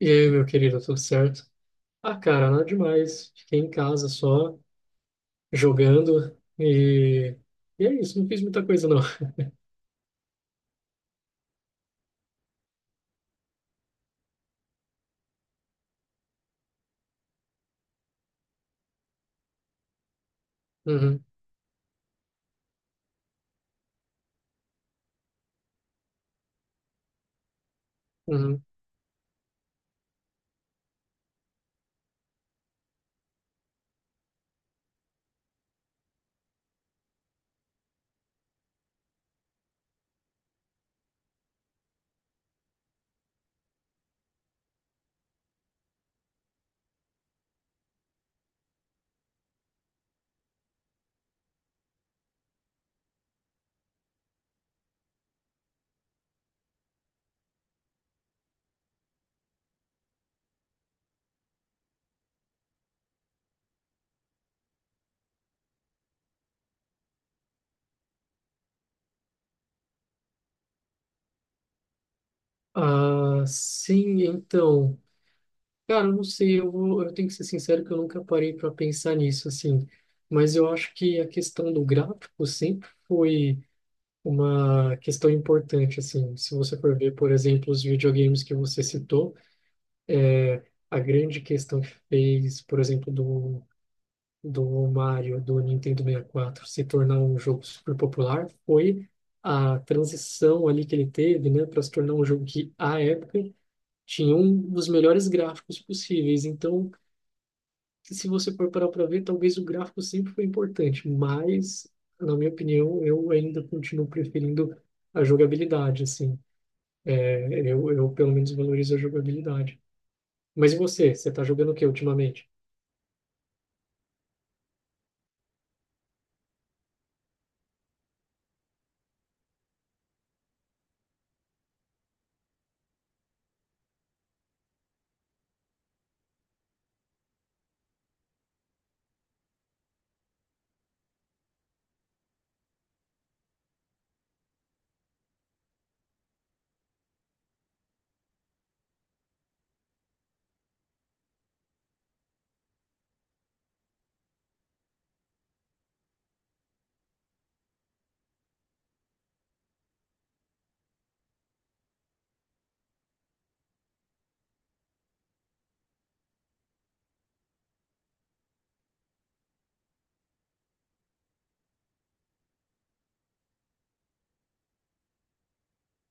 E aí, meu querido, tudo certo? Ah, cara, nada demais. Fiquei em casa só, jogando, e é isso, não fiz muita coisa, não. Uhum, uhum. Ah, sim, então. Cara, eu não sei, eu tenho que ser sincero que eu nunca parei para pensar nisso, assim. Mas eu acho que a questão do gráfico sempre foi uma questão importante, assim. Se você for ver, por exemplo, os videogames que você citou, a grande questão que fez, por exemplo, do Mario do Nintendo 64 se tornar um jogo super popular foi a transição ali que ele teve, né, para se tornar um jogo que à época tinha um dos melhores gráficos possíveis. Então, se você for parar para ver, talvez o gráfico sempre foi importante, mas na minha opinião, eu ainda continuo preferindo a jogabilidade, assim. É, eu pelo menos valorizo a jogabilidade. Mas e você? Você está jogando o que ultimamente?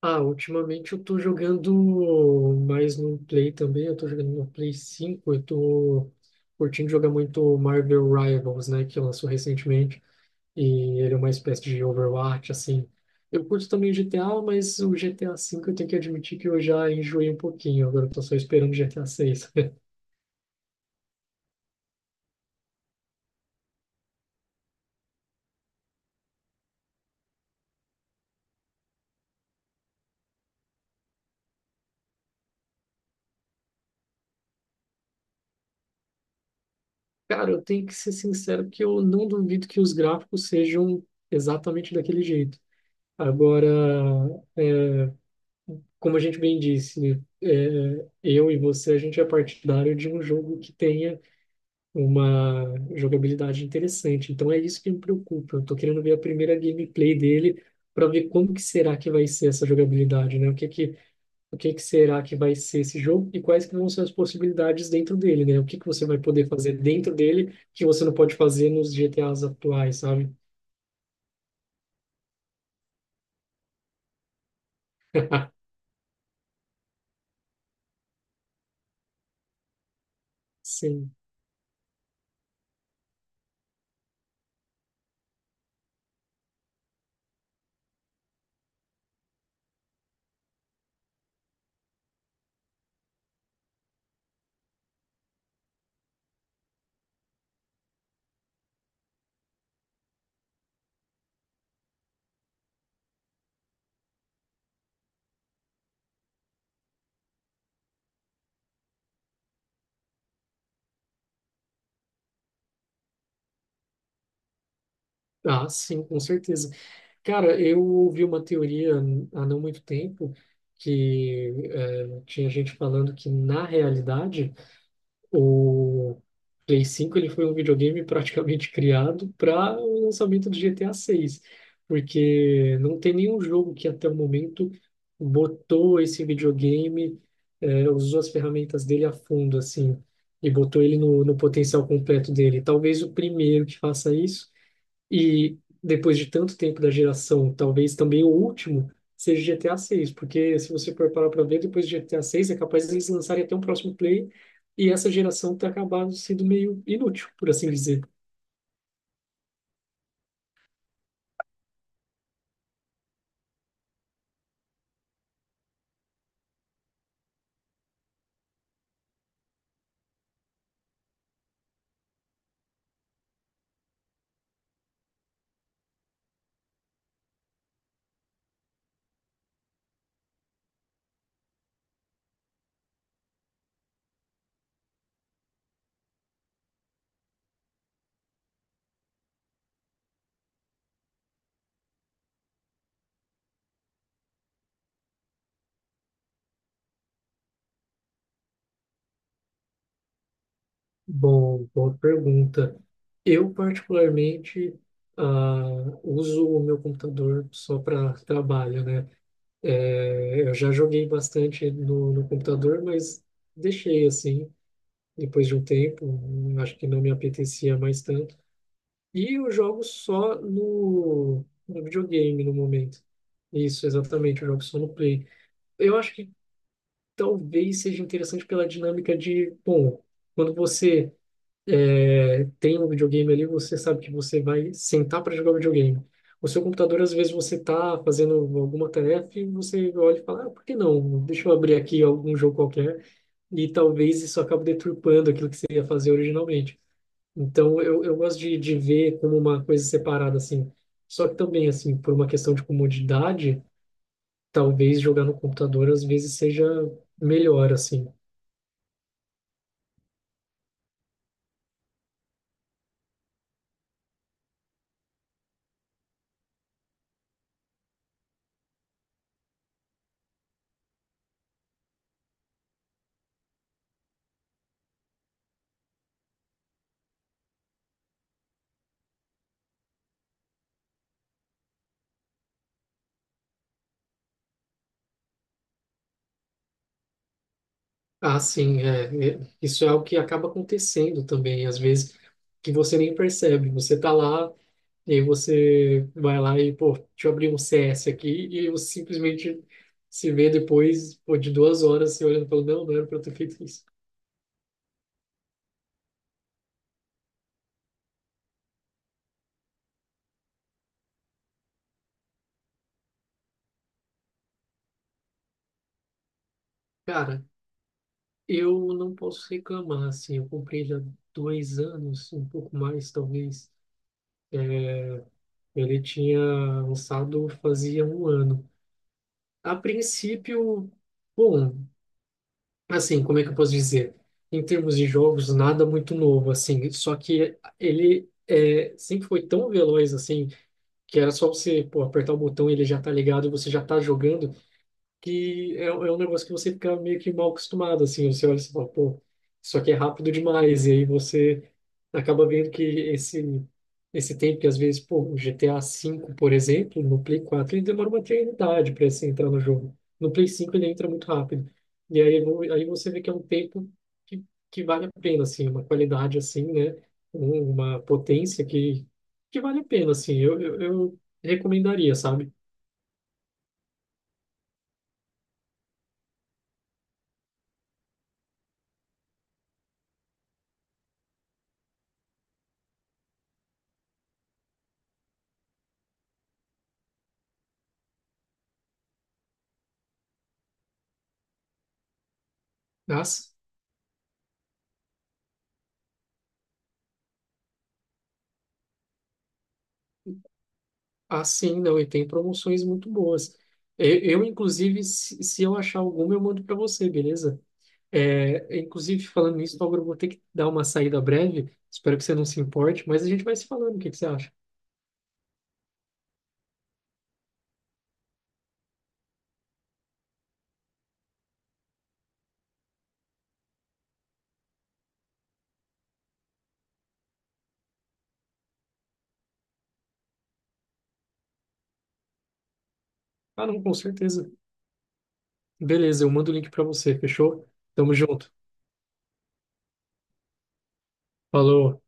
Ah, ultimamente eu tô jogando mais no Play também, eu tô jogando no Play 5, eu tô curtindo jogar muito Marvel Rivals, né, que lançou recentemente, e ele é uma espécie de Overwatch, assim. Eu curto também GTA, mas o GTA V eu tenho que admitir que eu já enjoei um pouquinho, agora eu tô só esperando o GTA 6. Cara, eu tenho que ser sincero que eu não duvido que os gráficos sejam exatamente daquele jeito. Agora, como a gente bem disse, eu e você, a gente é partidário de um jogo que tenha uma jogabilidade interessante. Então é isso que me preocupa. Eu tô querendo ver a primeira gameplay dele para ver como que será que vai ser essa jogabilidade, né? O que que será que vai ser esse jogo e quais que vão ser as possibilidades dentro dele, né? O que que você vai poder fazer dentro dele que você não pode fazer nos GTAs atuais, sabe? Sim. Ah, sim, com certeza. Cara, eu ouvi uma teoria há não muito tempo que tinha gente falando que, na realidade, o Play 5 ele foi um videogame praticamente criado para o lançamento do GTA 6, porque não tem nenhum jogo que até o momento botou esse videogame, usou as ferramentas dele a fundo, assim, e botou ele no potencial completo dele. Talvez o primeiro que faça isso e depois de tanto tempo da geração, talvez também o último seja GTA 6, porque se você for parar para ver, depois de GTA 6 é capaz de eles lançarem até um próximo play e essa geração tá acabando sendo meio inútil, por assim dizer. Bom, boa pergunta. Eu particularmente ah, uso o meu computador só para trabalho, né? É, eu já joguei bastante no computador, mas deixei assim depois de um tempo, acho que não me apetecia mais tanto. E eu jogo só no videogame no momento. Isso, exatamente, eu jogo só no Play. Eu acho que talvez seja interessante pela dinâmica de, bom, quando você tem um videogame ali, você sabe que você vai sentar para jogar videogame. O seu computador, às vezes, você tá fazendo alguma tarefa e você olha e fala, ah, por que não? Deixa eu abrir aqui algum jogo qualquer. E talvez isso acabe deturpando aquilo que você ia fazer originalmente. Então, eu gosto de ver como uma coisa separada, assim. Só que também, assim, por uma questão de comodidade, talvez jogar no computador às vezes seja melhor, assim. Ah, sim, isso é algo que acaba acontecendo também, às vezes, que você nem percebe. Você tá lá, e aí você vai lá e, pô, deixa eu abrir um CS aqui, e você simplesmente se vê depois, pô, de 2 horas, se olhando e falando, não, não era pra eu ter feito isso. Cara, eu não posso reclamar, assim, eu comprei já 2 anos, um pouco mais talvez. Ele tinha lançado fazia um ano. A princípio, bom, assim, como é que eu posso dizer? Em termos de jogos, nada muito novo, assim, só que ele sempre foi tão veloz, assim, que era só você, pô, apertar o botão, e ele já tá ligado, você já tá jogando, que é um negócio que você fica meio que mal acostumado, assim, você olha e você fala, pô, isso aqui é rápido demais, e aí você acaba vendo que esse tempo que às vezes, pô, o GTA V, por exemplo, no Play 4, ele demora uma eternidade para você entrar no jogo. No Play 5 ele entra muito rápido. E aí, aí você vê que é um tempo que, que vale a pena, assim, uma qualidade assim, né? Uma potência que vale a pena, assim, eu recomendaria, sabe? Nossa. Ah, sim, não, e tem promoções muito boas. Eu, inclusive, se eu achar alguma, eu mando para você, beleza? É, inclusive, falando nisso, Bárbara, eu vou ter que dar uma saída breve. Espero que você não se importe, mas a gente vai se falando. O que que você acha? Ah, não, com certeza. Beleza, eu mando o link para você, fechou? Tamo junto. Falou.